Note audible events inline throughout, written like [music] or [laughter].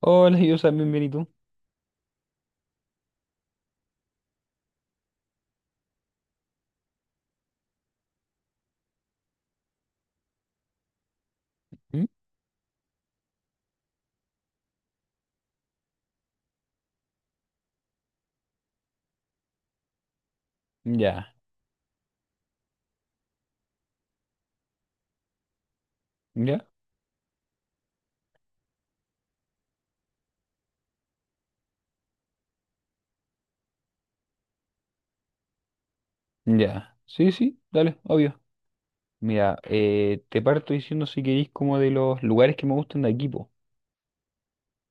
Hola, yo también bien, ¿y tú? ¿Mm? Ya, ya, ya. Sí, sí, dale, obvio. Mira, te parto diciendo si queréis como de los lugares que me gustan de aquí, po.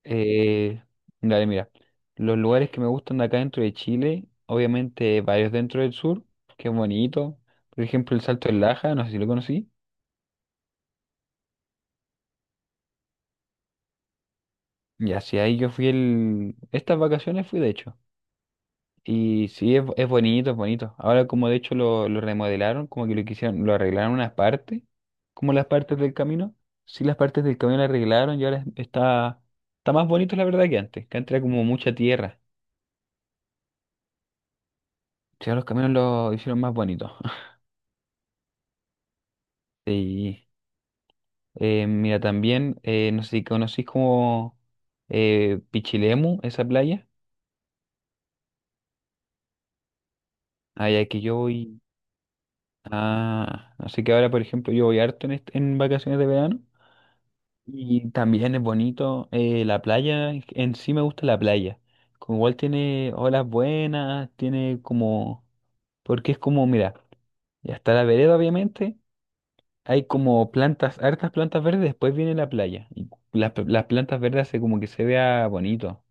Eh, Dale, mira. Los lugares que me gustan de acá dentro de Chile, obviamente varios dentro del sur, que es bonito. Por ejemplo, el Salto del Laja, no sé si lo conocí. Y así ahí yo fui el... Estas vacaciones fui, de hecho. Y sí, es bonito, es bonito. Ahora como de hecho lo remodelaron, como que lo quisieron, lo arreglaron unas partes, como las partes del camino. Sí, las partes del camino las arreglaron y ahora está, está más bonito la verdad que antes era como mucha tierra. Sí, ahora los caminos lo hicieron más bonito. [laughs] Y mira, también, no sé si conocís como Pichilemu, esa playa. Allá que yo voy, ah, así que ahora por ejemplo yo voy harto en, en vacaciones de verano. Y también es bonito la playa, en sí me gusta la playa. Como igual tiene olas buenas, tiene como, porque es como, mira, ya está la vereda obviamente, hay como plantas, hartas plantas verdes, después viene la playa. Y las, las plantas verdes hace como que se vea bonito.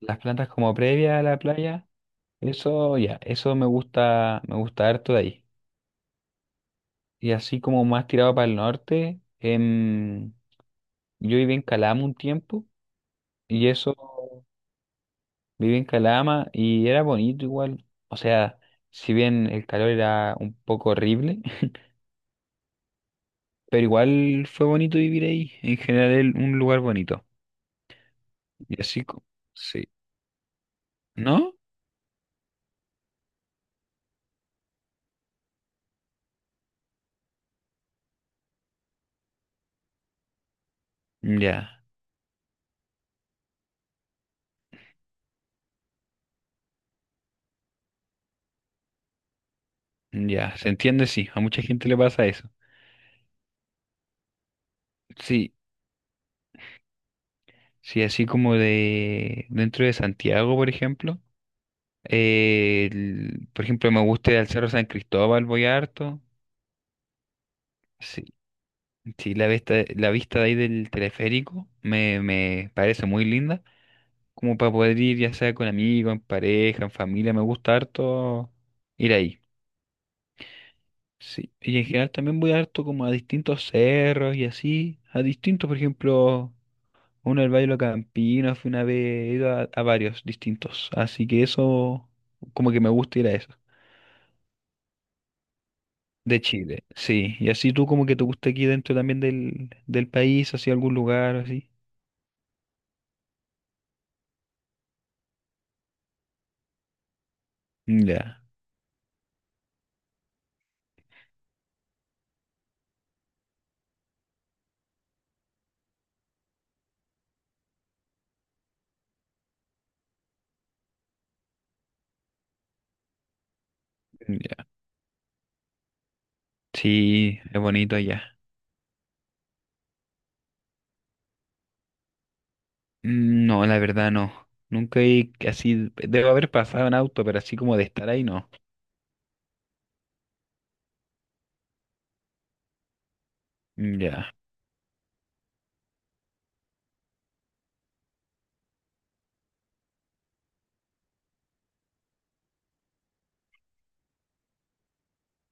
Las plantas como previa a la playa, eso ya, eso me gusta harto de ahí. Y así como más tirado para el norte, yo viví en Calama un tiempo y eso... Viví en Calama y era bonito igual. O sea, si bien el calor era un poco horrible, [laughs] pero igual fue bonito vivir ahí. En general, un lugar bonito. Y así, sí. ¿No? Ya, ya. Se entiende, sí. A mucha gente le pasa eso. Sí, sí, así como de dentro de Santiago, por ejemplo. Por ejemplo, me gusta ir al Cerro San Cristóbal, voy harto. Sí, sí, la vista de ahí del teleférico me parece muy linda. Como para poder ir ya sea con amigos, en pareja, en familia, me gusta harto ir ahí. Sí, y en general también voy harto como a distintos cerros y así, a distintos, por ejemplo, uno del Valle de los Campinos, fui una vez, he ido a varios distintos, así que eso, como que me gusta ir a eso. De Chile, sí, y así tú como que te gusta aquí dentro también del, del país, así algún lugar, así. Ya, ya. Sí, es bonito allá. Mm, no, la verdad no. Nunca he así. Debo haber pasado en auto, pero así como de estar ahí no. Mm. Ya.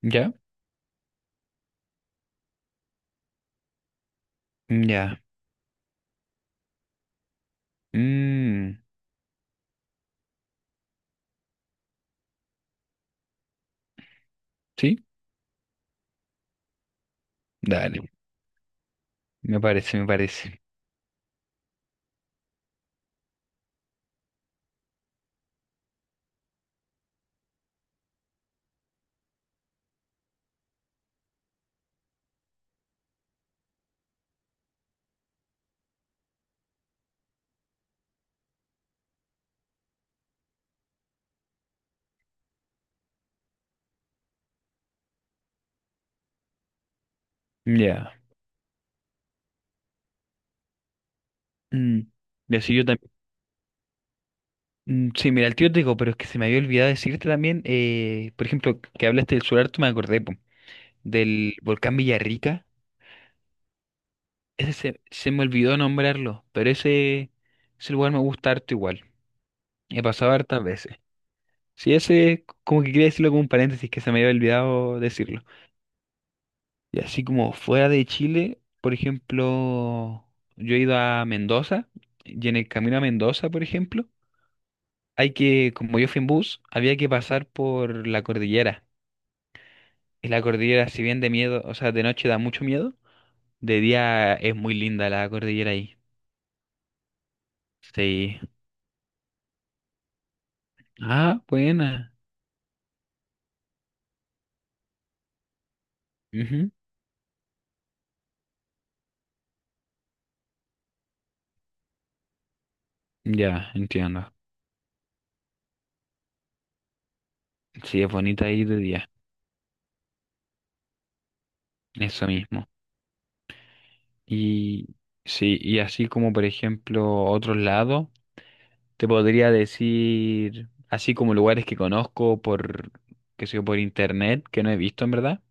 ¿Ya? Mm. Ya. Mm. ¿Sí? Dale. Me parece, me parece. Mm. Ya. Mm. Y así yo también. Mm. Sí, mira, el tío te digo, pero es que se me había olvidado decirte también, por ejemplo, que hablaste del solar, me acordé, po, del volcán Villarrica. Ese se me olvidó nombrarlo, pero ese lugar me gusta harto igual. He pasado hartas veces. Sí, ese, como que quería decirlo como un paréntesis que se me había olvidado decirlo. Y así como fuera de Chile, por ejemplo, yo he ido a Mendoza y en el camino a Mendoza, por ejemplo, hay que, como yo fui en bus, había que pasar por la cordillera. Y la cordillera, si bien de miedo, o sea, de noche da mucho miedo, de día es muy linda la cordillera ahí. Sí. Ah, buena. Ujú. Ya, entiendo. Sí, es bonita ahí de día. Eso mismo. Y sí, y así como por ejemplo otros lados, te podría decir, así como lugares que conozco por, qué sé yo, por internet, que no he visto en verdad.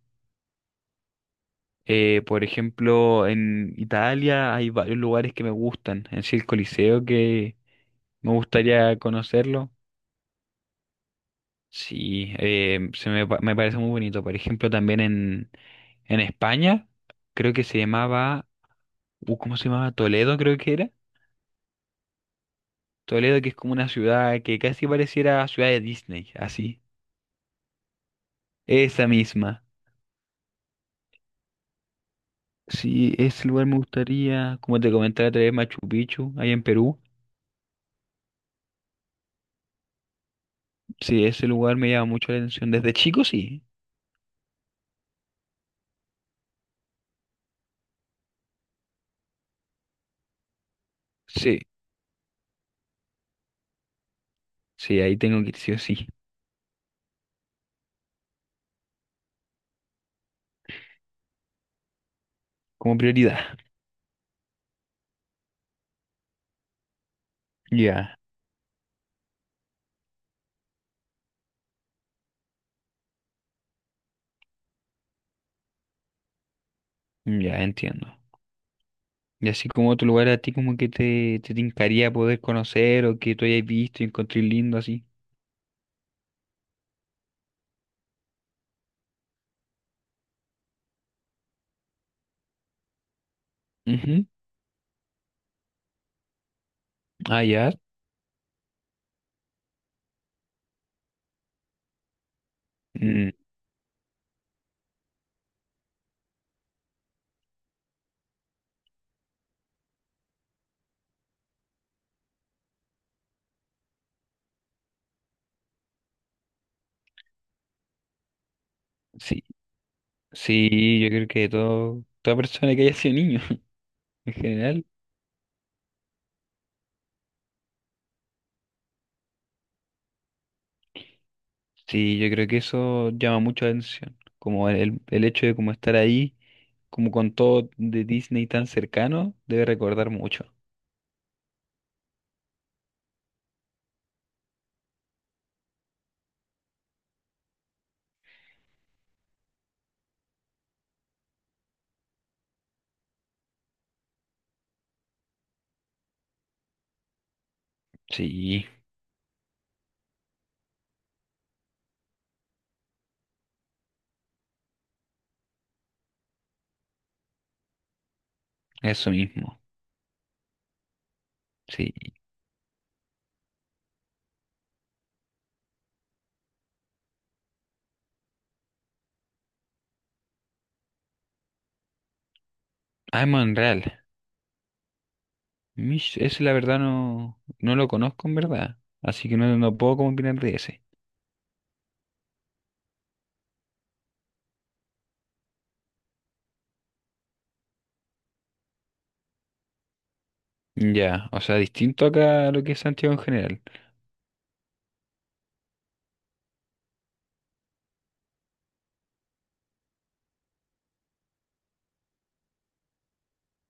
Por ejemplo, en Italia hay varios lugares que me gustan, en sí el Coliseo que me gustaría conocerlo. Sí, me parece muy bonito. Por ejemplo, también en España, creo que se llamaba, ¿cómo se llamaba? Toledo, creo que era Toledo, que es como una ciudad que casi pareciera ciudad de Disney, así. Esa misma. Sí, ese lugar me gustaría, como te comentaba otra vez, Machu Picchu, ahí en Perú. Sí, ese lugar me llama mucho la atención. Desde chico, sí. Sí, sí, ahí tengo que ir sí o sí, como prioridad. [laughs] Ya, ya, entiendo. Y así como otro lugar a ti como que te tincaría poder conocer o que tú hayas visto y encontré lindo así. Ujú. Ah, ya. Mm, sí, sí, yo creo que todo, toda persona que haya sido niño en general. Sí, yo creo que eso llama mucho la atención, como el hecho de como estar ahí, como con todo de Disney tan cercano, debe recordar mucho. Sí, eso mismo. Sí, I'm Unreal. Mish, ese la verdad no, no lo conozco en verdad, así que no, no puedo como opinar de ese. Ya, o sea, distinto acá a lo que es Santiago en general.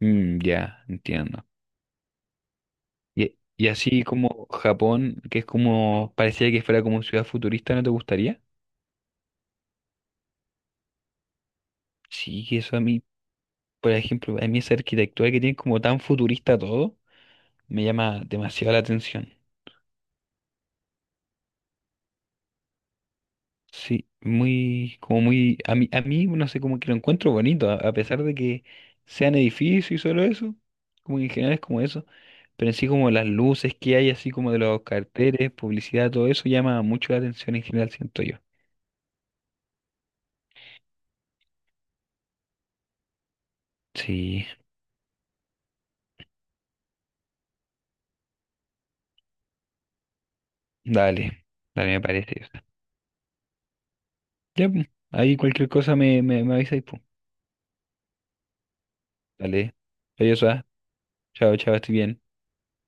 Mm, ya, entiendo. Y así como Japón, que es como, parecía que fuera como ciudad futurista, ¿no te gustaría? Sí, que eso a mí, por ejemplo, a mí esa arquitectura que tiene como tan futurista todo, me llama demasiado la atención. Sí, muy, como muy, a mí, no sé, como que lo encuentro bonito, a pesar de que sean edificios y solo eso, como que en general es como eso, pero en sí como las luces que hay, así como de los carteles, publicidad, todo eso llama mucho la atención en general, siento yo. Sí, dale, dale, me parece. O sea. Ya, pues, ahí cualquier cosa me avisáis, pues. Dale, adiós, ah. Chao, chao, estoy bien.